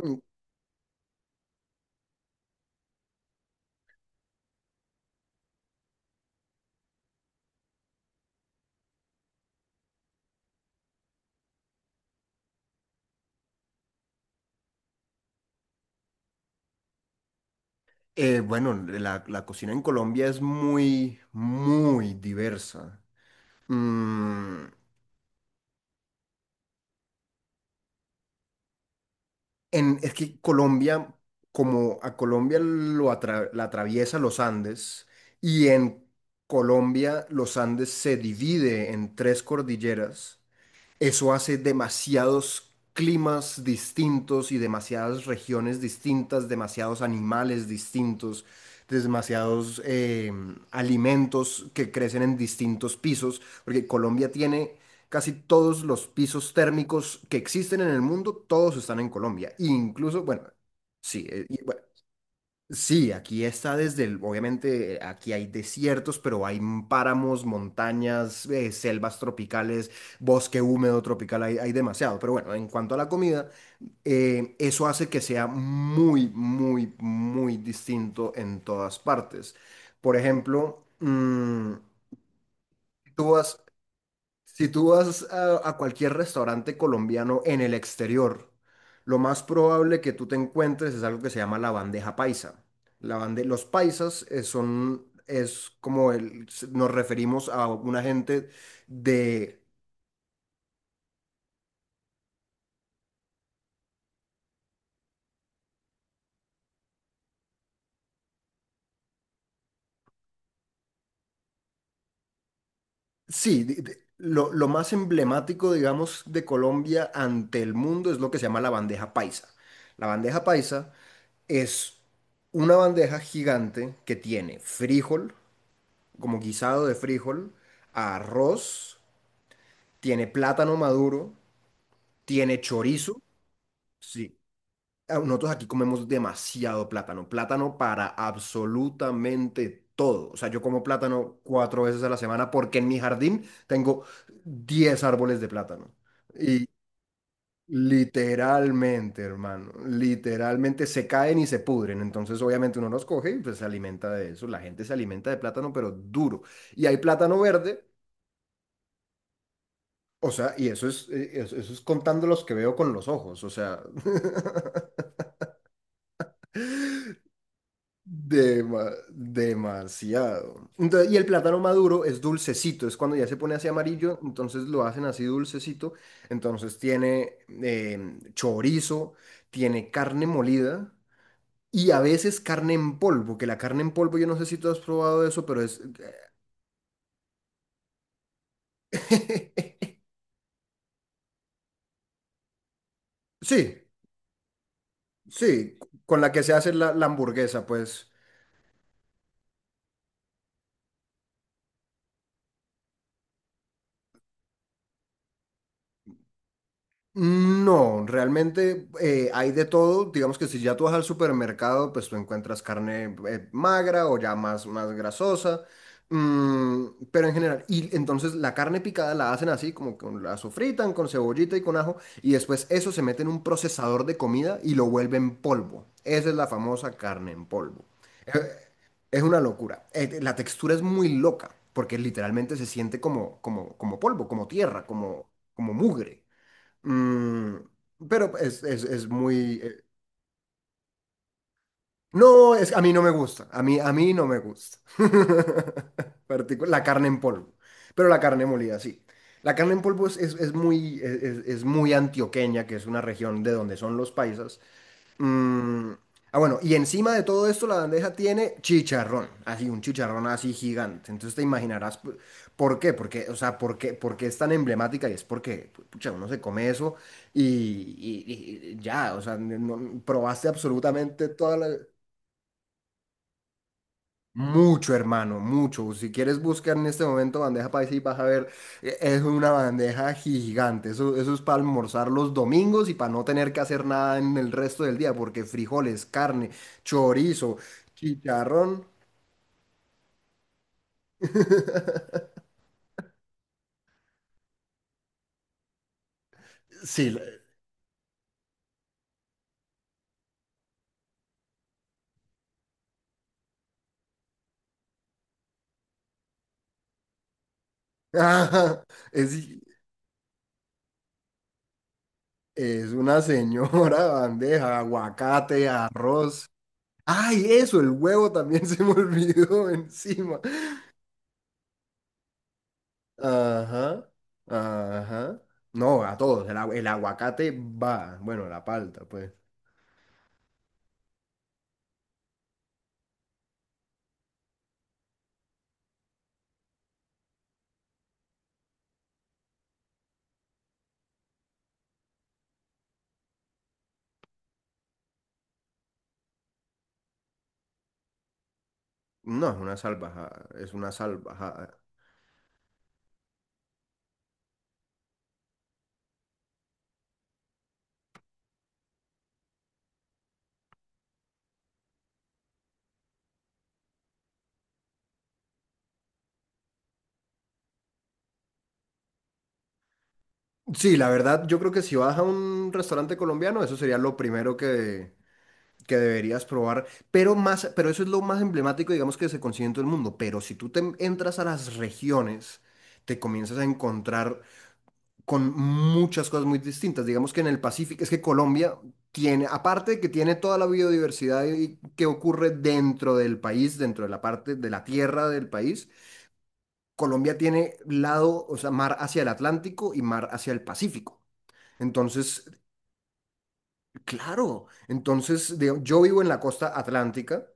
Mm, la cocina en Colombia es muy, muy diversa. Mm, es que Colombia, como a Colombia la atraviesa los Andes, y en Colombia los Andes se divide en tres cordilleras. Eso hace demasiados climas distintos y demasiadas regiones distintas, demasiados animales distintos, demasiados alimentos que crecen en distintos pisos, porque Colombia tiene casi todos los pisos térmicos que existen en el mundo, todos están en Colombia. Incluso, bueno, sí. Sí, aquí está desde el, obviamente aquí hay desiertos, pero hay páramos, montañas, selvas tropicales, bosque húmedo tropical, hay demasiado. Pero bueno, en cuanto a la comida, eso hace que sea muy, muy, muy distinto en todas partes. Por ejemplo, mm, tú vas si tú vas a cualquier restaurante colombiano en el exterior, lo más probable que tú te encuentres es algo que se llama la bandeja paisa. Los paisas es como nos referimos a una gente de, sí, lo más emblemático, digamos, de Colombia ante el mundo es lo que se llama la bandeja paisa. La bandeja paisa es una bandeja gigante que tiene frijol, como guisado de frijol, arroz, tiene plátano maduro, tiene chorizo. Sí. Ah, nosotros aquí comemos demasiado plátano, plátano para absolutamente todo. O sea, yo como plátano cuatro veces a la semana porque en mi jardín tengo 10 árboles de plátano. Y literalmente, hermano, literalmente se caen y se pudren. Entonces, obviamente uno los coge y pues se alimenta de eso. La gente se alimenta de plátano, pero duro. Y hay plátano verde. O sea, y eso es, eso, eso es contando los que veo con los ojos, o sea, demasiado. Entonces, y el plátano maduro es dulcecito, es cuando ya se pone así amarillo, entonces lo hacen así dulcecito, entonces tiene eh, chorizo, tiene carne molida y a veces carne en polvo, que la carne en polvo, yo no sé si tú has probado eso, pero es... Sí, sí, con la que se hace la, la hamburguesa, pues. No, realmente hay de todo. Digamos que si ya tú vas al supermercado, pues tú encuentras carne magra o ya más, más grasosa. Pero en general, y entonces la carne picada la hacen así, como que la sofritan con cebollita y con ajo, y después eso se mete en un procesador de comida y lo vuelven polvo. Esa es la famosa carne en polvo. Eh, Es una locura. La textura es muy loca, porque literalmente se siente como, como, como polvo, como tierra, como, como mugre. Mm, pero es muy... no, es, a mí no me gusta. A mí no me gusta. La carne en polvo. Pero la carne molida, sí. La carne en polvo es muy, muy antioqueña, que es una región de donde son los paisas. Mm, ah, bueno, y encima de todo esto la bandeja tiene chicharrón, así un chicharrón así gigante. Entonces te imaginarás por qué, porque, o sea, por qué es tan emblemática y es porque, pucha, uno se come eso y, y ya, o sea, no, probaste absolutamente todas las... Mucho, hermano, mucho. Si quieres buscar en este momento bandeja paisa y vas a ver, es una bandeja gigante. Eso es para almorzar los domingos y para no tener que hacer nada en el resto del día, porque frijoles, carne, chorizo, chicharrón. Sí, la- es, es una señora bandeja, aguacate, arroz. Ay, eso, el huevo también se me olvidó encima. Ajá, ajá. No, a todos. El, el aguacate va. Bueno, la palta, pues. No, es una salvajada. Es una salvajada. Sí, la verdad, yo creo que si vas a un restaurante colombiano, eso sería lo primero que deberías probar. Pero más, pero eso es lo más emblemático, digamos, que se consigue en todo el mundo. Pero si tú te entras a las regiones, te comienzas a encontrar con muchas cosas muy distintas. Digamos que en el Pacífico, es que Colombia tiene, aparte de que tiene toda la biodiversidad que ocurre dentro del país, dentro de la parte de la tierra del país, Colombia tiene lado, o sea, mar hacia el Atlántico y mar hacia el Pacífico. Entonces, claro, entonces digo, yo vivo en la costa atlántica.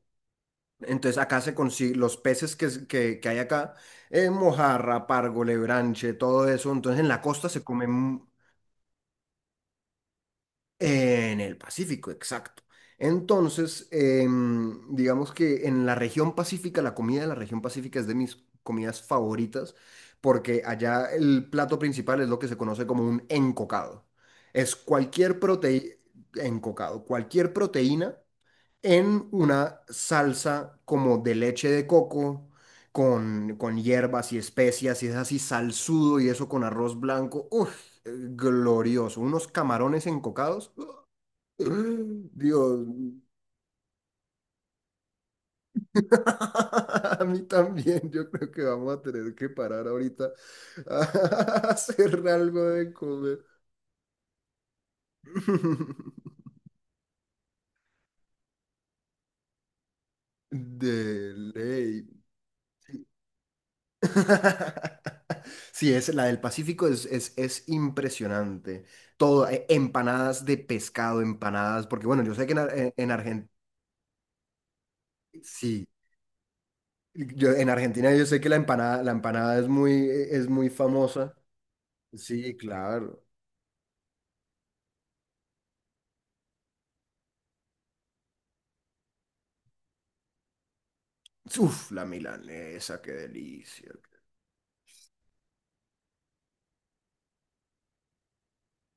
Entonces acá se consigue los peces que, que hay acá, mojarra, pargo, lebranche, todo eso. Entonces en la costa se come. En el Pacífico, exacto. Entonces, digamos que en la región pacífica, la comida de la región pacífica es de mis comidas favoritas, porque allá el plato principal es lo que se conoce como un encocado. Es cualquier proteína, encocado, cualquier proteína en una salsa como de leche de coco, con hierbas y especias, y es así salsudo y eso con arroz blanco. Uf, glorioso. Unos camarones encocados. Dios, a mí también, yo creo que vamos a tener que parar ahorita a hacer algo de comer. De ley. Sí, es, la del Pacífico es impresionante. Todo, empanadas de pescado, empanadas, porque bueno, yo sé que en Argentina, sí, yo, en Argentina yo sé que la empanada es muy famosa. Sí, claro. Uf, la milanesa, qué delicia.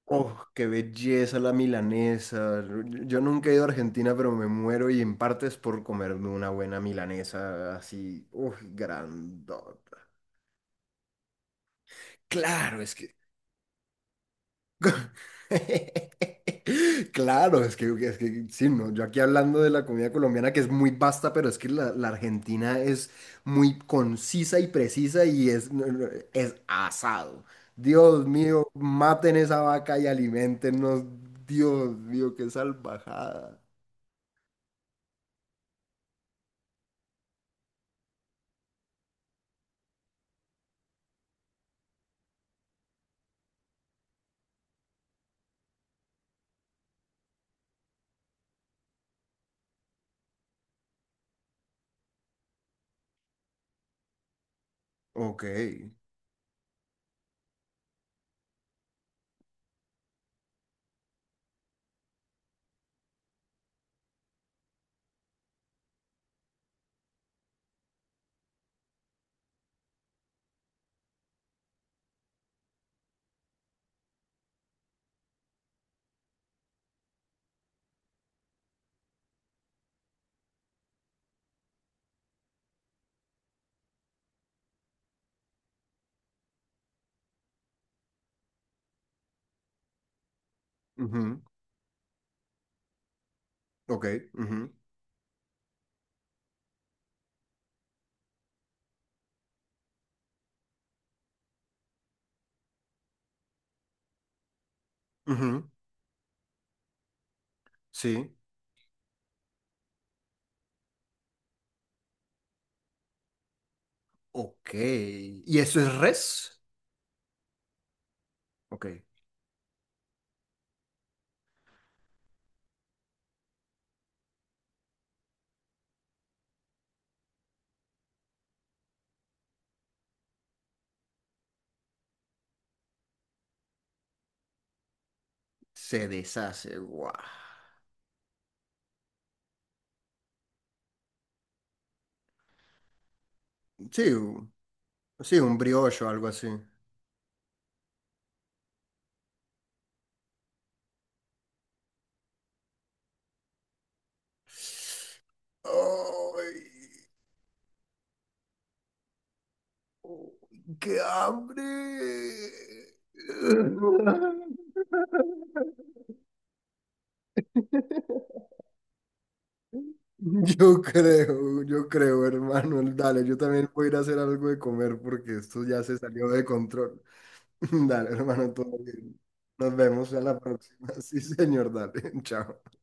Oh, qué belleza la milanesa. Yo nunca he ido a Argentina, pero me muero y en parte es por comerme una buena milanesa así, uf, grandota. Claro, es que claro, es que sí, no, yo aquí hablando de la comida colombiana que es muy vasta, pero es que la, la Argentina es muy concisa y precisa y es, no, no, es asado. Dios mío, maten esa vaca y aliméntenos. Dios mío, qué salvajada. Ok. Ujú. Ok. Ujú, ujú. Sí. Ok. ¿Y eso es res? Ok. Se deshace. Guau. Sí, sí, un brioche o algo así. Ay, oh, ¡qué hambre! Yo creo, hermano. Dale, yo también voy a ir a hacer algo de comer porque esto ya se salió de control. Dale, hermano, todo bien. Nos vemos a la próxima. Sí, señor, dale. Chao.